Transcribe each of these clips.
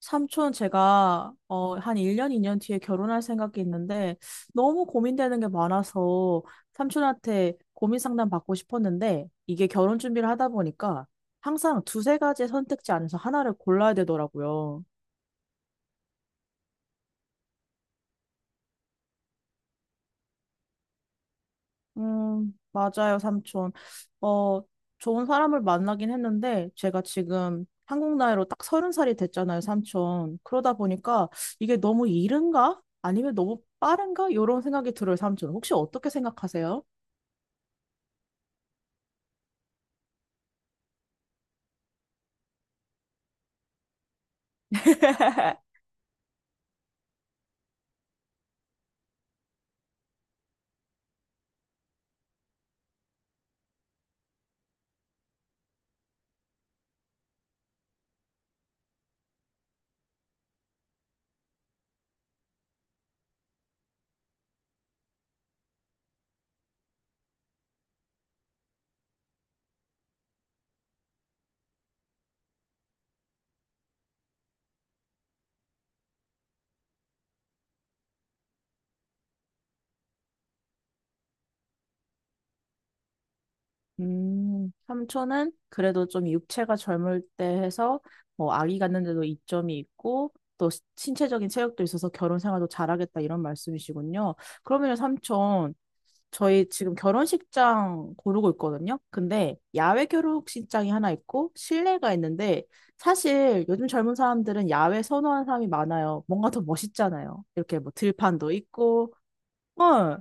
삼촌, 제가 한 1년, 2년 뒤에 결혼할 생각이 있는데 너무 고민되는 게 많아서 삼촌한테 고민 상담 받고 싶었는데, 이게 결혼 준비를 하다 보니까 항상 두세 가지 선택지 안에서 하나를 골라야 되더라고요. 맞아요, 삼촌. 어, 좋은 사람을 만나긴 했는데, 제가 지금 한국 나이로 딱 서른 살이 됐잖아요, 삼촌. 그러다 보니까 이게 너무 이른가? 아니면 너무 빠른가? 이런 생각이 들어요, 삼촌. 혹시 어떻게 생각하세요? 삼촌은 그래도 좀 육체가 젊을 때 해서 뭐 아기 갖는데도 이점이 있고 또 신체적인 체력도 있어서 결혼 생활도 잘하겠다 이런 말씀이시군요. 그러면 삼촌, 저희 지금 결혼식장 고르고 있거든요. 근데 야외 결혼식장이 하나 있고 실내가 있는데, 사실 요즘 젊은 사람들은 야외 선호하는 사람이 많아요. 뭔가 더 멋있잖아요. 이렇게 뭐 들판도 있고. 어,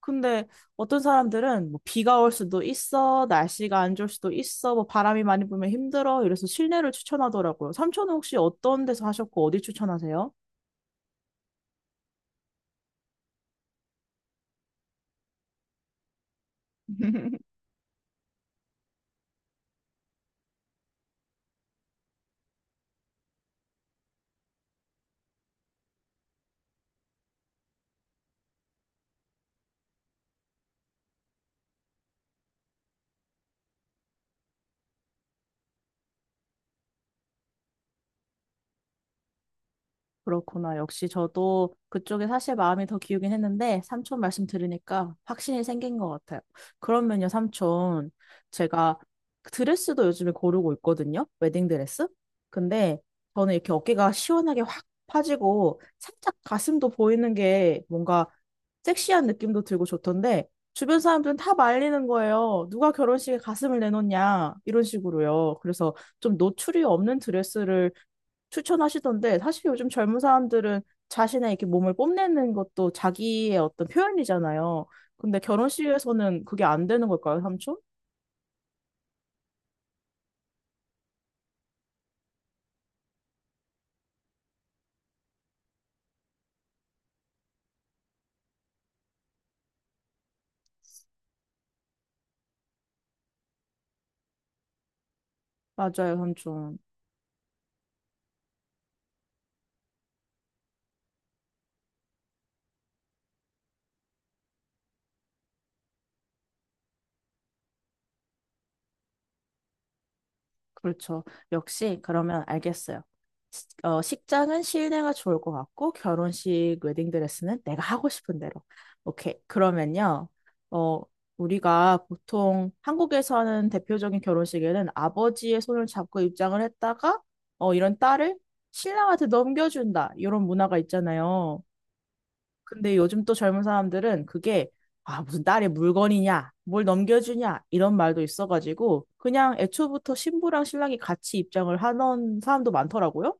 근데 어떤 사람들은 뭐 비가 올 수도 있어, 날씨가 안 좋을 수도 있어, 뭐 바람이 많이 불면 힘들어, 이래서 실내를 추천하더라고요. 삼촌은 혹시 어떤 데서 하셨고 어디 추천하세요? 그렇구나. 역시 저도 그쪽에 사실 마음이 더 기우긴 했는데 삼촌 말씀 들으니까 확신이 생긴 것 같아요. 그러면요, 삼촌. 제가 드레스도 요즘에 고르고 있거든요. 웨딩 드레스. 근데 저는 이렇게 어깨가 시원하게 확 파지고 살짝 가슴도 보이는 게 뭔가 섹시한 느낌도 들고 좋던데, 주변 사람들은 다 말리는 거예요. 누가 결혼식에 가슴을 내놓냐 이런 식으로요. 그래서 좀 노출이 없는 드레스를 추천하시던데, 사실 요즘 젊은 사람들은 자신의 이렇게 몸을 뽐내는 것도 자기의 어떤 표현이잖아요. 근데 결혼식에서는 그게 안 되는 걸까요, 삼촌? 맞아요, 삼촌. 그렇죠. 역시 그러면 알겠어요. 식장은 실내가 좋을 것 같고 결혼식 웨딩드레스는 내가 하고 싶은 대로. 오케이. 그러면요. 어, 우리가 보통 한국에서 하는 대표적인 결혼식에는 아버지의 손을 잡고 입장을 했다가 이런 딸을 신랑한테 넘겨준다. 이런 문화가 있잖아요. 근데 요즘 또 젊은 사람들은 그게 아, 무슨 딸의 물건이냐, 뭘 넘겨주냐, 이런 말도 있어가지고 그냥 애초부터 신부랑 신랑이 같이 입장을 하는 사람도 많더라고요.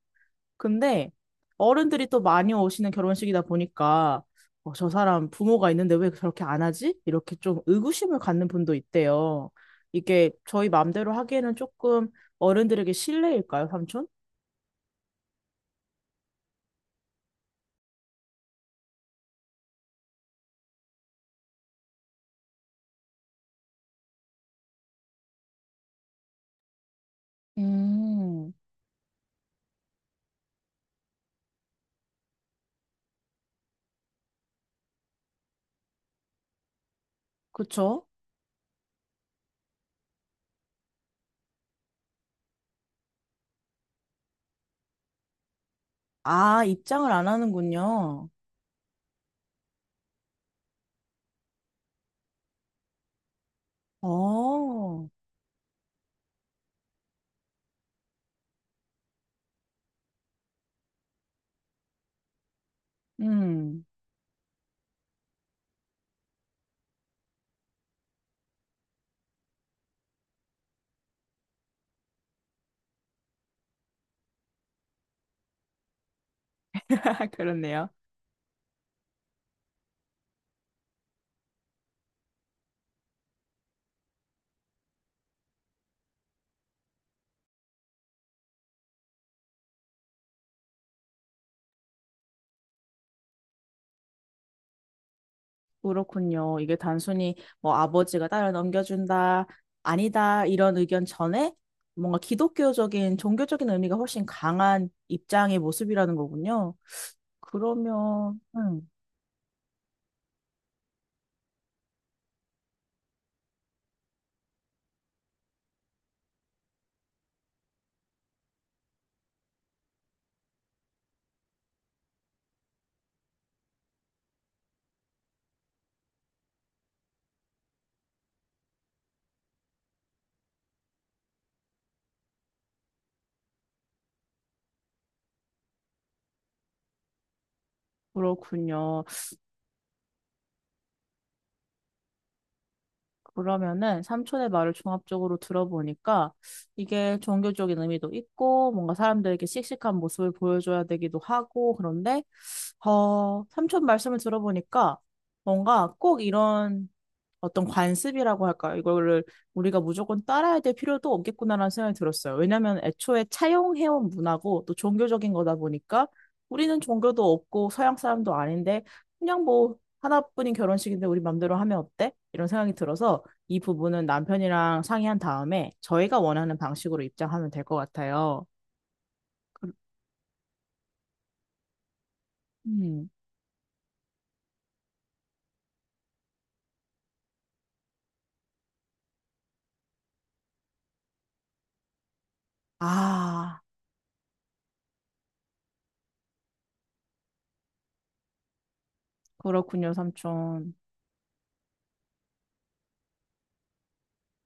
근데 어른들이 또 많이 오시는 결혼식이다 보니까 저 사람 부모가 있는데 왜 저렇게 안 하지? 이렇게 좀 의구심을 갖는 분도 있대요. 이게 저희 마음대로 하기에는 조금 어른들에게 실례일까요, 삼촌? 음, 그쵸? 아, 입장을 안 하는군요. 어, 음, 그렇네요. 그렇군요. 이게 단순히 뭐 아버지가 딸을 넘겨준다, 아니다, 이런 의견 전에 뭔가 기독교적인, 종교적인 의미가 훨씬 강한 입장의 모습이라는 거군요. 그러면, 그렇군요. 그러면은 삼촌의 말을 종합적으로 들어보니까 이게 종교적인 의미도 있고 뭔가 사람들에게 씩씩한 모습을 보여줘야 되기도 하고, 그런데 삼촌 말씀을 들어보니까 뭔가 꼭 이런 어떤 관습이라고 할까요? 이거를 우리가 무조건 따라야 될 필요도 없겠구나라는 생각이 들었어요. 왜냐하면 애초에 차용해온 문화고 또 종교적인 거다 보니까, 우리는 종교도 없고 서양 사람도 아닌데 그냥 뭐 하나뿐인 결혼식인데 우리 맘대로 하면 어때? 이런 생각이 들어서 이 부분은 남편이랑 상의한 다음에 저희가 원하는 방식으로 입장하면 될 것 같아요. 그- 음. 아, 그렇군요, 삼촌.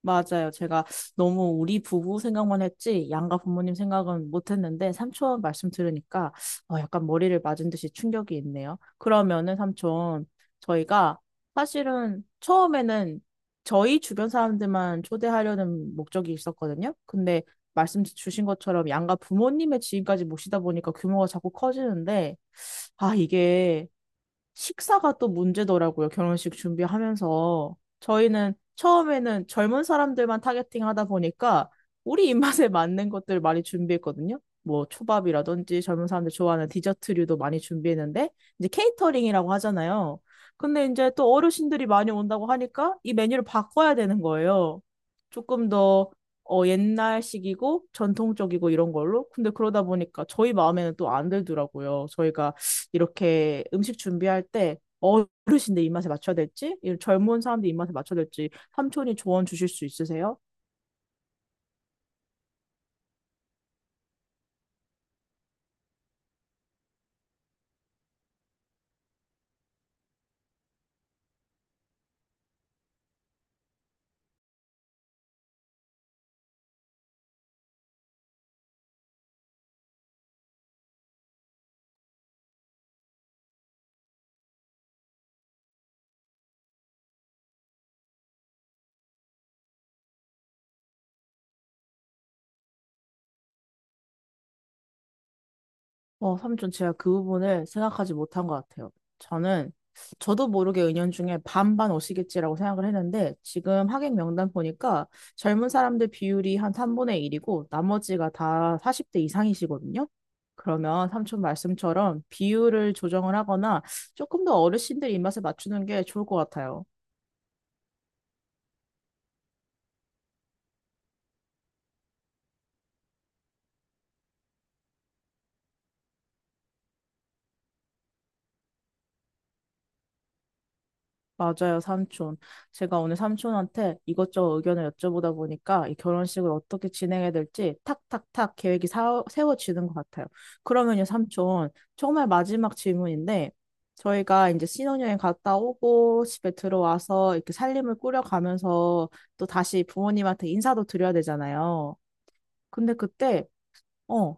맞아요. 제가 너무 우리 부부 생각만 했지 양가 부모님 생각은 못했는데 삼촌 말씀 들으니까 약간 머리를 맞은 듯이 충격이 있네요. 그러면은 삼촌, 저희가 사실은 처음에는 저희 주변 사람들만 초대하려는 목적이 있었거든요. 근데 말씀 주신 것처럼 양가 부모님의 지인까지 모시다 보니까 규모가 자꾸 커지는데, 아 이게 식사가 또 문제더라고요. 결혼식 준비하면서. 저희는 처음에는 젊은 사람들만 타겟팅 하다 보니까 우리 입맛에 맞는 것들 많이 준비했거든요. 뭐 초밥이라든지 젊은 사람들 좋아하는 디저트류도 많이 준비했는데, 이제 케이터링이라고 하잖아요. 근데 이제 또 어르신들이 많이 온다고 하니까 이 메뉴를 바꿔야 되는 거예요. 조금 더 옛날식이고 전통적이고 이런 걸로. 근데 그러다 보니까 저희 마음에는 또 안 들더라고요. 저희가 이렇게 음식 준비할 때 어르신들 입맛에 맞춰야 될지, 이 젊은 사람들 입맛에 맞춰야 될지 삼촌이 조언 주실 수 있으세요? 삼촌, 제가 그 부분을 생각하지 못한 것 같아요. 저는 저도 모르게 은연중에 반반 오시겠지라고 생각을 했는데 지금 하객 명단 보니까 젊은 사람들 비율이 한 3분의 1이고 나머지가 다 40대 이상이시거든요. 그러면 삼촌 말씀처럼 비율을 조정을 하거나 조금 더 어르신들 입맛에 맞추는 게 좋을 것 같아요. 맞아요, 삼촌. 제가 오늘 삼촌한테 이것저것 의견을 여쭤보다 보니까 이 결혼식을 어떻게 진행해야 될지 탁탁탁 계획이 세워지는 것 같아요. 그러면요, 삼촌, 정말 마지막 질문인데, 저희가 이제 신혼여행 갔다 오고 집에 들어와서 이렇게 살림을 꾸려가면서 또 다시 부모님한테 인사도 드려야 되잖아요. 근데 그때 어,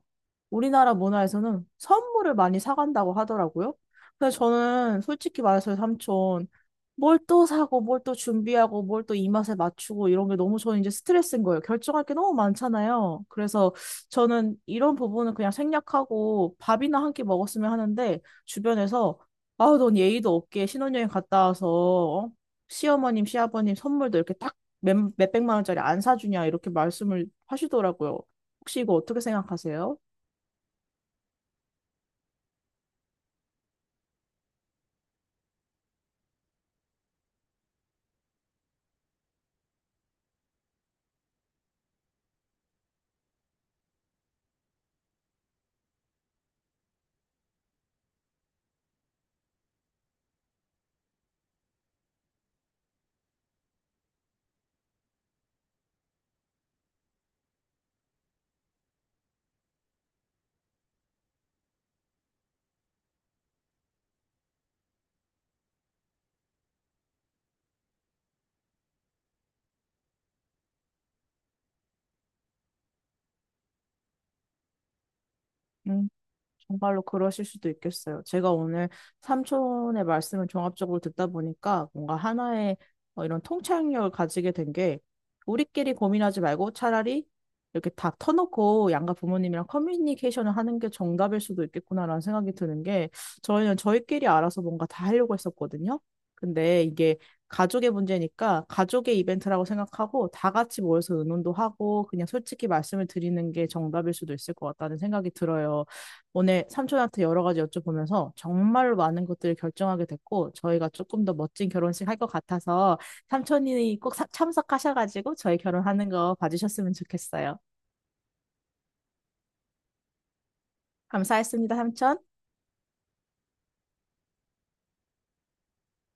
우리나라 문화에서는 선물을 많이 사간다고 하더라고요. 근데 저는 솔직히 말해서 삼촌, 뭘 또 사고, 뭘 또 준비하고, 뭘 또 입맛에 맞추고, 이런 게 너무 저는 이제 스트레스인 거예요. 결정할 게 너무 많잖아요. 그래서 저는 이런 부분은 그냥 생략하고 밥이나 한 끼 먹었으면 하는데, 주변에서, 아우, 넌 예의도 없게 신혼여행 갔다 와서, 어? 시어머님, 시아버님 선물도 이렇게 딱 몇백만 원짜리 안 사주냐, 이렇게 말씀을 하시더라고요. 혹시 이거 어떻게 생각하세요? 음. 정말로 그러실 수도 있겠어요. 제가 오늘 삼촌의 말씀을 종합적으로 듣다 보니까 뭔가 하나의 이런 통찰력을 가지게 된 게, 우리끼리 고민하지 말고 차라리 이렇게 다 터놓고 양가 부모님이랑 커뮤니케이션을 하는 게 정답일 수도 있겠구나라는 생각이 드는 게, 저희는 저희끼리 알아서 뭔가 다 하려고 했었거든요. 근데 이게 가족의 문제니까 가족의 이벤트라고 생각하고 다 같이 모여서 의논도 하고 그냥 솔직히 말씀을 드리는 게 정답일 수도 있을 것 같다는 생각이 들어요. 오늘 삼촌한테 여러 가지 여쭤보면서 정말로 많은 것들을 결정하게 됐고 저희가 조금 더 멋진 결혼식 할 것 같아서 삼촌이 꼭 참석하셔가지고 저희 결혼하는 거 봐주셨으면 좋겠어요. 감사했습니다, 삼촌.